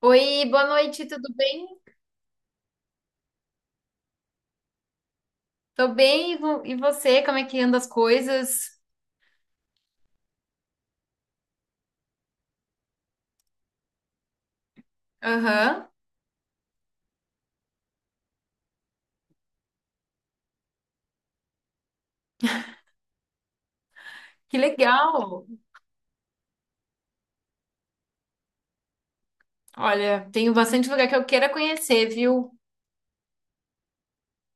Oi, boa noite, tudo bem? Tô bem, e você? Como é que anda as coisas? Aham, que legal! Olha, tenho bastante lugar que eu queira conhecer, viu?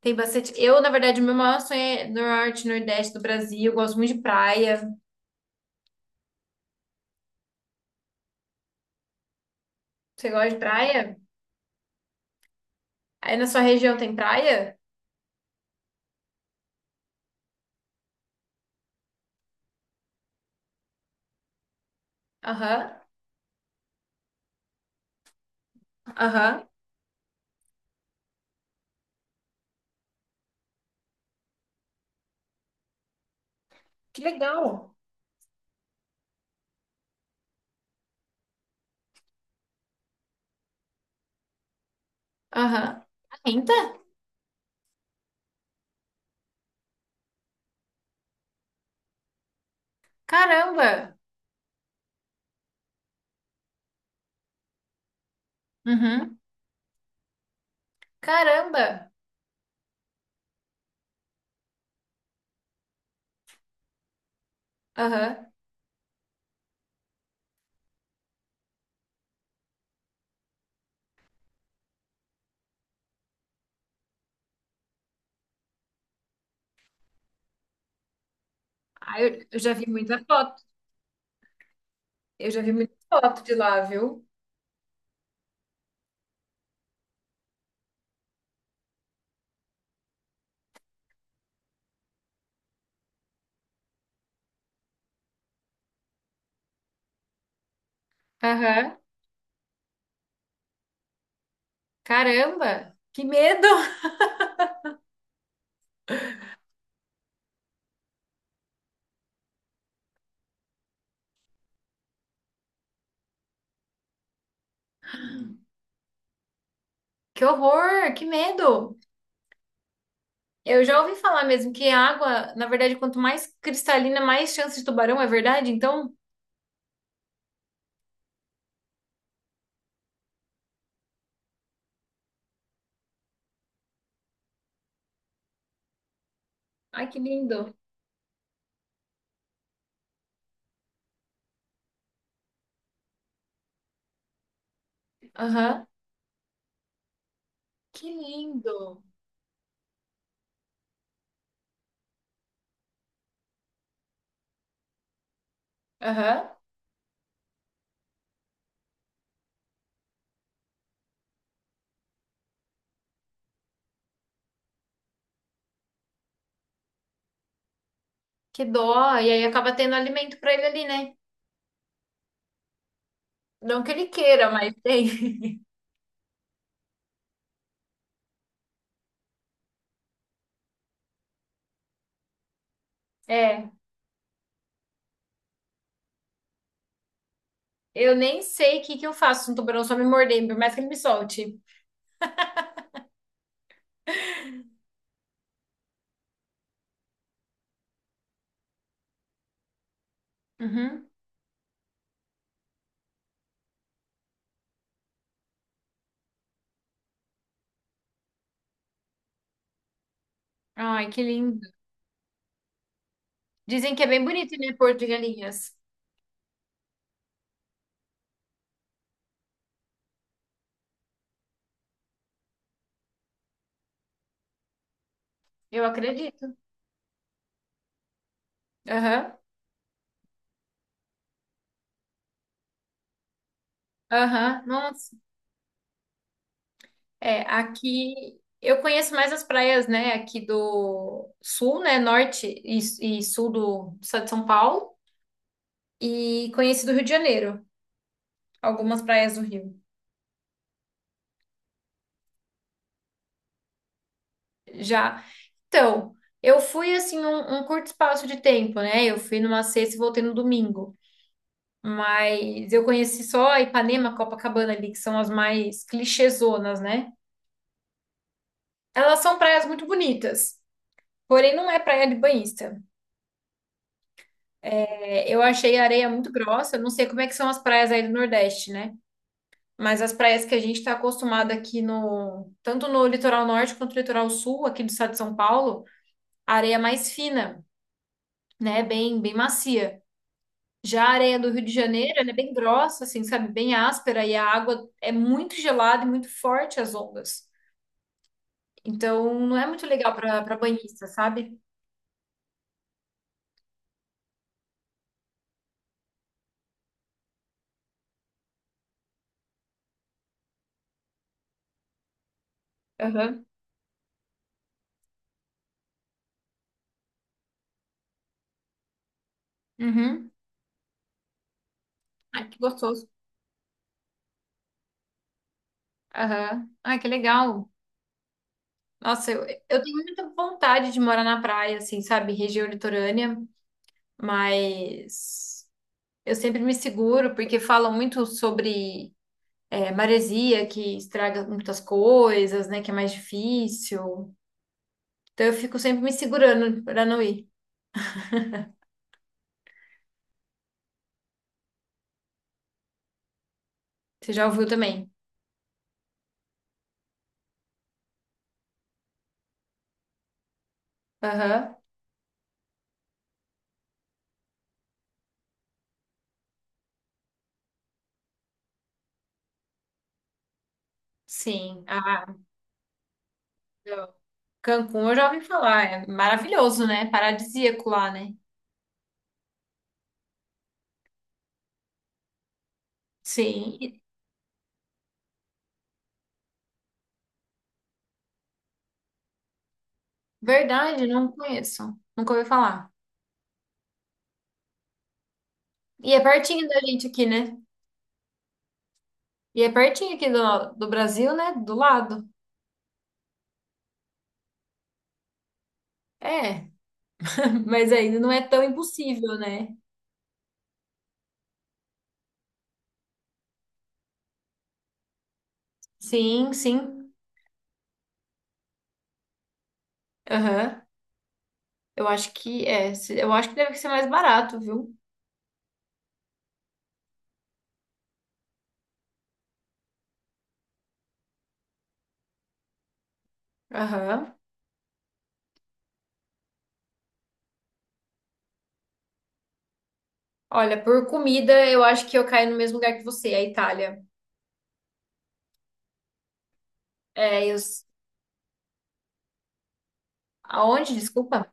Tem bastante. Eu, na verdade, o meu maior sonho é norte, nordeste do Brasil. Eu gosto muito de praia. Você gosta de praia? Aí na sua região tem praia? Aham, aham. Que legal! Aham. Ainda? Caramba! Uhum. Caramba! Aham. Ah, eu já vi muita foto. Eu já vi muita foto de lá, viu? Aham. Caramba, que medo! Que horror, que medo! Eu já ouvi falar mesmo que a água, na verdade, quanto mais cristalina, mais chance de tubarão, é verdade? Então, ai, que lindo. Aham. Que lindo. Aham. Que dó. E aí acaba tendo alimento pra ele ali, né? Não que ele queira, mas tem. É. Eu nem sei o que que eu faço se um tubarão só me morder, por mais que ele me solte. Uhum. Ai, que lindo. Dizem que é bem bonito, né, Porto de Galinhas. Eu acredito. Aham. Aham, nossa. É, aqui eu conheço mais as praias, né, aqui do sul, né, norte e sul do estado de São Paulo e conheci do Rio de Janeiro, algumas praias do Rio. Já. Então, eu fui assim um curto espaço de tempo, né? Eu fui numa sexta e voltei no domingo. Mas eu conheci só Ipanema, Copacabana ali, que são as mais clichêzonas, né? Elas são praias muito bonitas, porém não é praia de banhista. É, eu achei a areia muito grossa. Eu não sei como é que são as praias aí do Nordeste, né? Mas as praias que a gente está acostumado aqui no, tanto no litoral norte quanto no litoral sul, aqui do estado de São Paulo, a areia é mais fina, né? Bem macia. Já a areia do Rio de Janeiro, ela é bem grossa, assim, sabe? Bem áspera e a água é muito gelada e muito forte as ondas. Então, não é muito legal para banhista, sabe? Aham. Uhum. Ai, que gostoso. Aham. Ai, que legal. Nossa, eu tenho muita vontade de morar na praia, assim, sabe? Região litorânea, mas eu sempre me seguro porque falam muito sobre maresia, que estraga muitas coisas, né? Que é mais difícil. Então eu fico sempre me segurando para não ir. Você já ouviu também? Aham, sim. Ah, não. Cancún eu já ouvi falar, é maravilhoso, né? Paradisíaco lá, né? Sim. Verdade, não conheço. Nunca ouvi falar. E é pertinho da gente aqui, né? E é pertinho aqui do, do Brasil, né? Do lado. É, mas ainda não é tão impossível, né? Sim, sim. Aham. Eu acho que é. Eu acho que deve ser mais barato, viu? Aham. Olha, por comida, eu acho que eu caio no mesmo lugar que você, a Itália. É, eu... s- Aonde? Desculpa.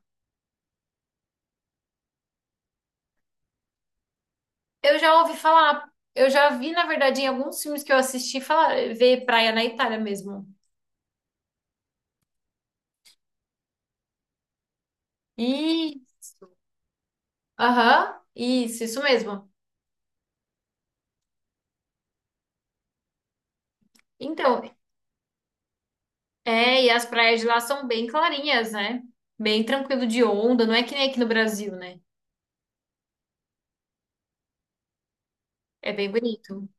Eu já ouvi falar, eu já vi, na verdade, em alguns filmes que eu assisti, falar, ver praia na Itália mesmo. E aham, isso mesmo. Então, é, e as praias de lá são bem clarinhas, né? Bem tranquilo de onda, não é que nem aqui no Brasil, né? É bem bonito.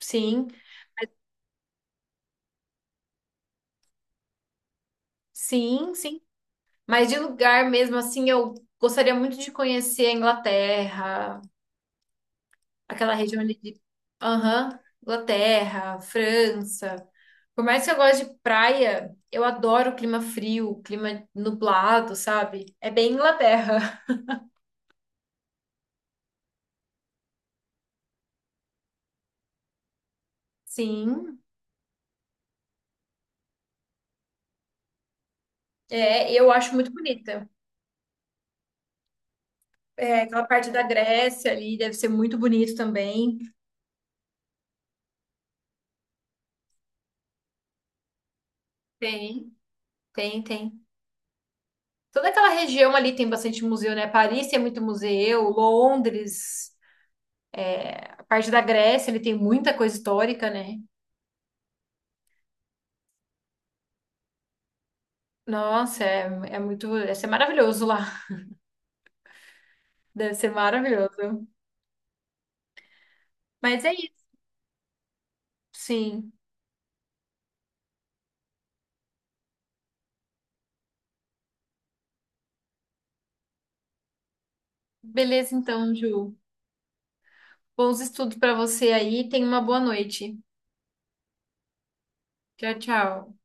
Sim, sim, sim. Mas de lugar mesmo assim, eu gostaria muito de conhecer a Inglaterra, aquela região ali de. Aham, Inglaterra, França. Por mais que eu goste de praia, eu adoro o clima frio, clima nublado, sabe? É bem Inglaterra. Sim, é, eu acho muito bonita. É, aquela parte da Grécia ali deve ser muito bonito também. Tem, tem, tem. Toda aquela região ali tem bastante museu, né? Paris tem muito museu, Londres, a parte da Grécia, ele tem muita coisa histórica, né? Nossa, é, é muito. Deve ser maravilhoso lá. Deve ser maravilhoso. Mas é isso, sim. Beleza, então, Ju. Bons estudos para você aí. Tenha uma boa noite. Tchau, tchau.